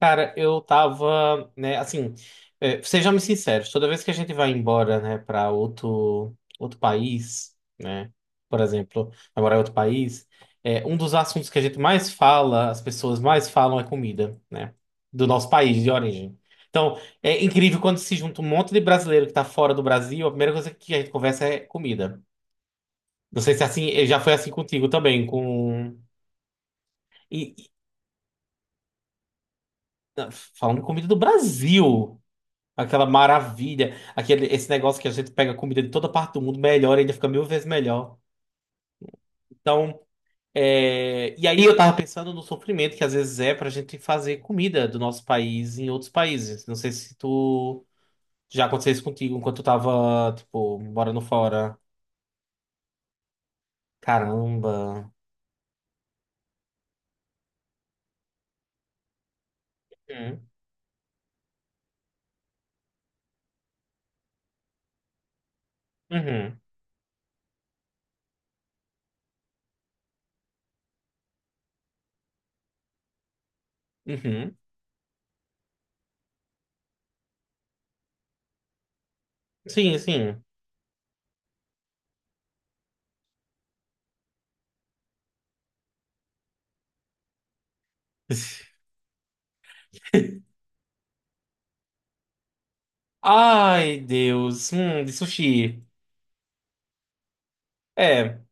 Cara, eu tava, né, assim, sejamos sinceros, toda vez que a gente vai embora, né, para outro país, né, por exemplo, vai morar em outro país, um dos assuntos que a gente mais fala, as pessoas mais falam é comida, né, do nosso país de origem. Então, é incrível quando se junta um monte de brasileiro que tá fora do Brasil, a primeira coisa que a gente conversa é comida. Não sei se é assim, já foi assim contigo também. E, e- não, falando de comida do Brasil. Aquela maravilha, aquele, esse negócio que a gente pega comida de toda parte do mundo, melhor, ainda fica mil vezes melhor. Então, e aí eu tava pensando no sofrimento que às vezes é pra gente fazer comida do nosso país em outros países. Não sei se tu já aconteceu isso contigo enquanto tu tava, tipo, morando fora. Caramba. Uhum, uhum, uhum. Sim, sim. Ai, Deus. De sushi. É.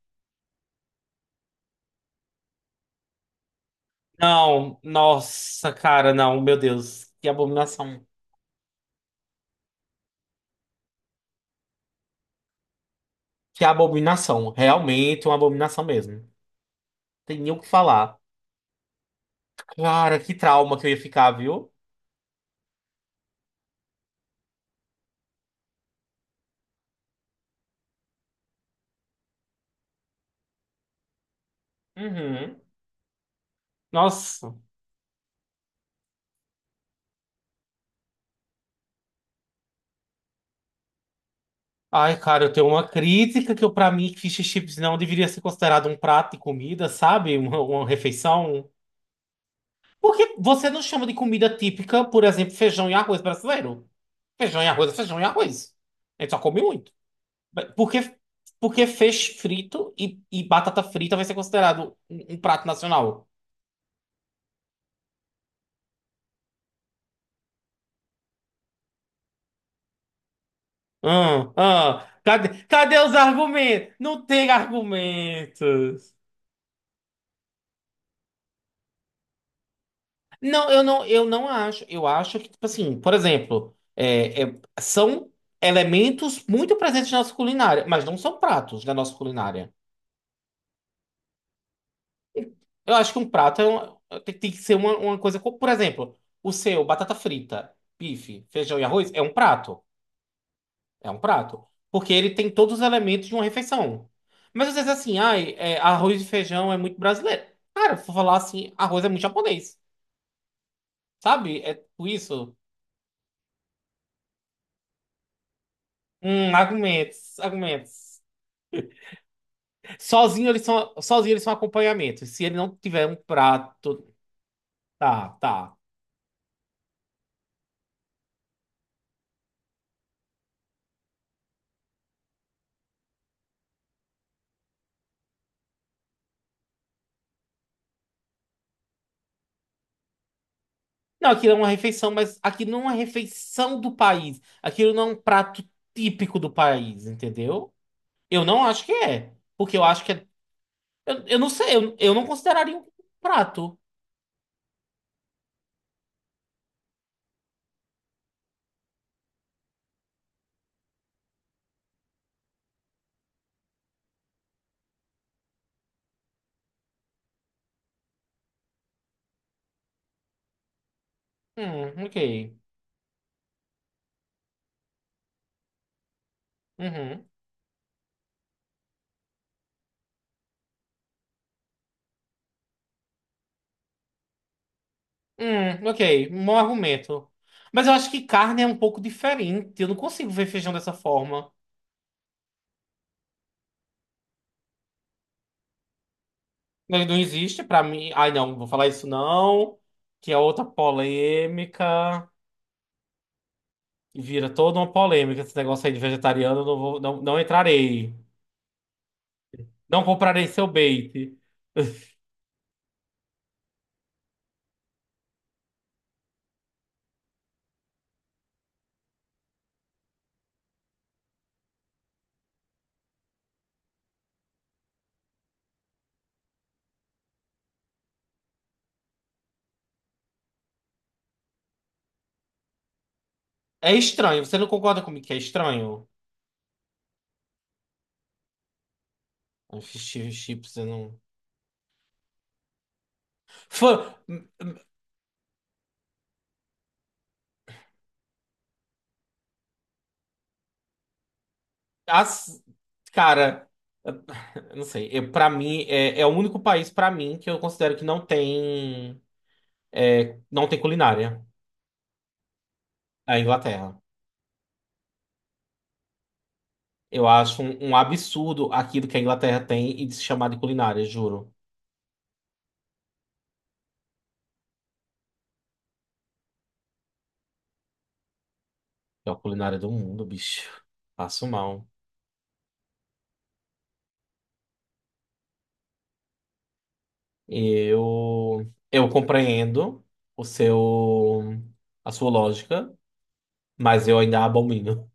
Não, nossa, cara, não, meu Deus, que abominação. Que é abominação. Realmente uma abominação mesmo. Tem nem o que falar. Cara, que trauma que eu ia ficar, viu? Uhum. Nossa. Ai, cara, eu tenho uma crítica que eu, pra mim, fish and chips não deveria ser considerado um prato de comida, sabe? Uma refeição. Porque você não chama de comida típica, por exemplo, feijão e arroz brasileiro? Feijão e arroz é feijão e arroz. A gente só come muito. Porque, porque feixe frito e batata frita vai ser considerado um prato nacional. Ah, ah, cadê, cadê os argumentos? Não tem argumentos. Não, eu não acho. Eu acho que, tipo assim, por exemplo, são elementos muito presentes na nossa culinária, mas não são pratos da nossa culinária. Eu acho que um prato é tem que ser uma coisa. Por exemplo, o seu, batata frita, bife, feijão e arroz, é um prato. É um prato. Porque ele tem todos os elementos de uma refeição. Mas às vezes assim, ai, arroz e feijão é muito brasileiro. Cara, se for falar assim, arroz é muito japonês. Sabe? É tudo isso. Argumentos, argumentos. Sozinho eles são acompanhamento. Se ele não tiver um prato. Tá, tá. Não, aquilo é uma refeição, mas aquilo não é uma refeição do país. Aquilo não é um prato típico do país, entendeu? Eu não acho que é. Porque eu acho que é. Eu não sei, eu não consideraria um prato. Ok. Uhum. Ok. Um bom argumento. Mas eu acho que carne é um pouco diferente. Eu não consigo ver feijão dessa forma. Ele não existe pra mim. Ai, não, vou falar isso não. Que é outra polêmica. E vira toda uma polêmica esse negócio aí de vegetariano. Eu não vou, não, não entrarei. Não comprarei seu bait. É estranho. Você não concorda comigo que é estranho? Fish chips, eu não. Fã- hum, hum, As... Cara. Eu não sei. Eu, para mim, é o único país para mim que eu considero que não tem culinária. É a Inglaterra. Eu acho um absurdo aquilo que a Inglaterra tem e de se chamar de culinária, juro. É a culinária do mundo, bicho. Passo mal. Eu compreendo o seu, a sua lógica, mas eu ainda abomino.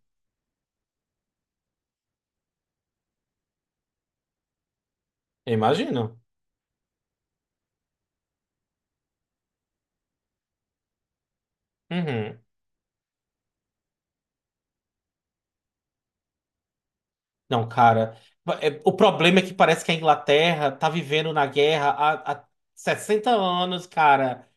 Eu imagino. Uhum. Não, cara. O problema é que parece que a Inglaterra tá vivendo na guerra há 60 anos, cara.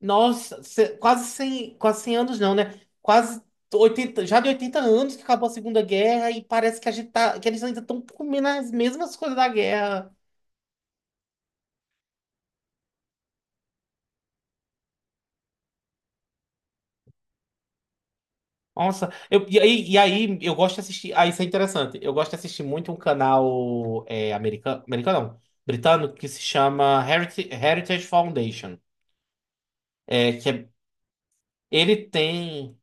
Nossa, quase 100, quase 100 anos não, né? Quase 80 já de 80 anos que acabou a Segunda Guerra e parece que a gente tá, que eles ainda estão comendo as mesmas coisas da guerra. Nossa, e aí eu gosto de assistir. Ah, isso é interessante. Eu gosto de assistir muito um canal americano, americano não, britânico que se chama Heritage, Heritage Foundation. É, que é- Ele tem.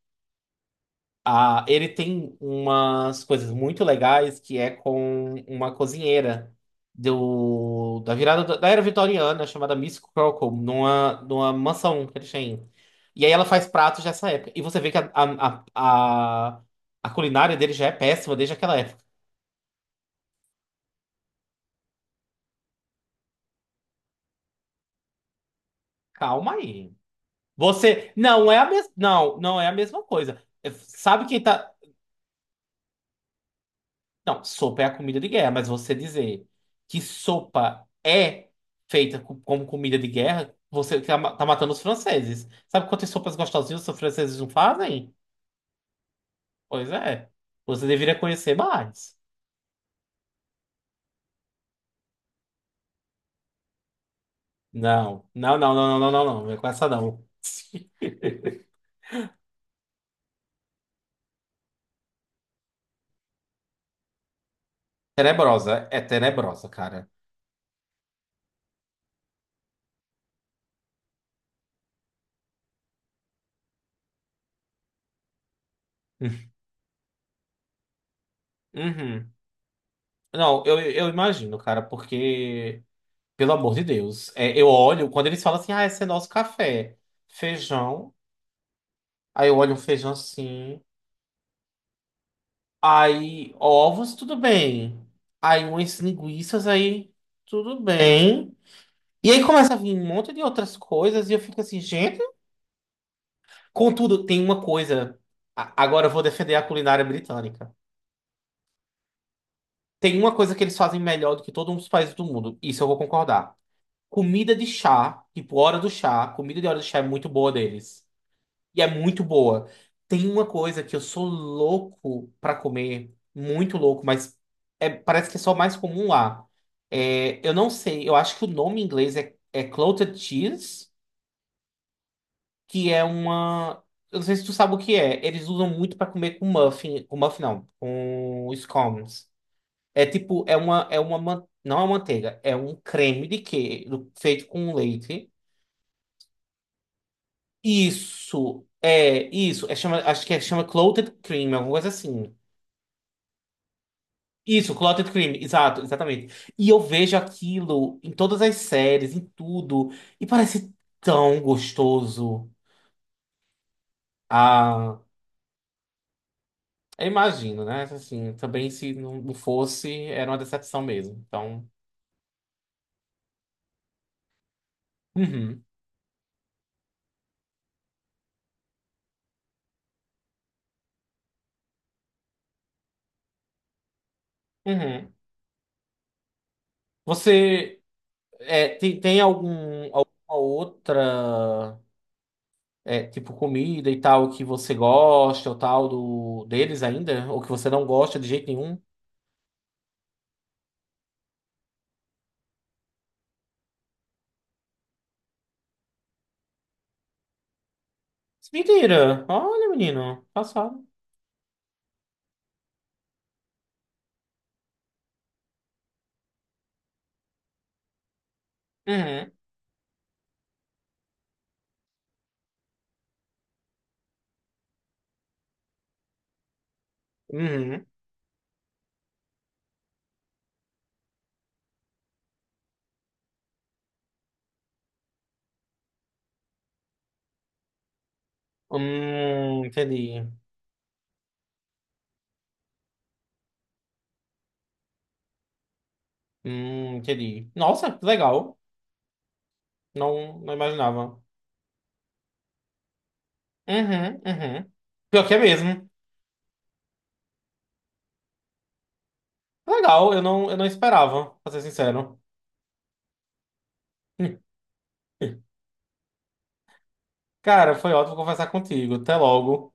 Ah, ele tem umas coisas muito legais que é com uma cozinheira do, da virada da era vitoriana chamada Miss Crockle, numa mansão que eles têm. E aí ela faz pratos dessa época. E você vê que a a culinária dele já é péssima desde aquela época. Calma aí. Você. Não é a mesma. Não, não é a mesma coisa. Sabe quem tá. Não, sopa é a comida de guerra, mas você dizer que sopa é feita como comida de guerra, você tá matando os franceses. Sabe quantas sopas gostosinhas os franceses não fazem? Pois é. Você deveria conhecer mais. Não, não, não, não, não, não, não, não. Não é com essa, não. Tenebrosa, é tenebrosa, cara. Uhum. Não, eu imagino, cara, porque, pelo amor de Deus, eu olho, quando eles falam assim, ah, esse é nosso café, feijão, aí eu olho um feijão assim. Aí, ovos, tudo bem. Aí, umas linguiças, aí, tudo bem. E aí começa a vir um monte de outras coisas e eu fico assim, gente. Contudo, tem uma coisa. Agora eu vou defender a culinária britânica. Tem uma coisa que eles fazem melhor do que todos os países do mundo. Isso eu vou concordar. Comida de chá, tipo hora do chá, comida de hora do chá é muito boa deles. E é muito boa. Tem uma coisa que eu sou louco pra comer, muito louco, mas parece que é só mais comum lá. Eu não sei, eu acho que o nome em inglês é clotted cheese, que é uma. Eu não sei se tu sabe o que é. Eles usam muito pra comer com muffin não, com scones. É tipo, é uma, não é uma manteiga, é um creme de queijo feito com leite. Isso, é isso. Acho que é chama clotted cream, alguma coisa assim. Isso, Clotted Cream, exato, exatamente. E eu vejo aquilo em todas as séries, em tudo, e parece tão gostoso. Ah, eu imagino, né? Assim, também se não não fosse, era uma decepção mesmo. Então, uhum, uhum. Você tem algum, alguma outra, tipo, comida e tal que você gosta ou tal deles ainda? Ou que você não gosta de jeito nenhum? Mentira! Olha, menino, passado. Uhum. Uhum. Entendi. Entendi. Nossa, que legal. Não, não imaginava. Uhum, uhum. Pior que é mesmo. Legal, eu não esperava, pra ser sincero. Cara, foi ótimo conversar contigo. Até logo.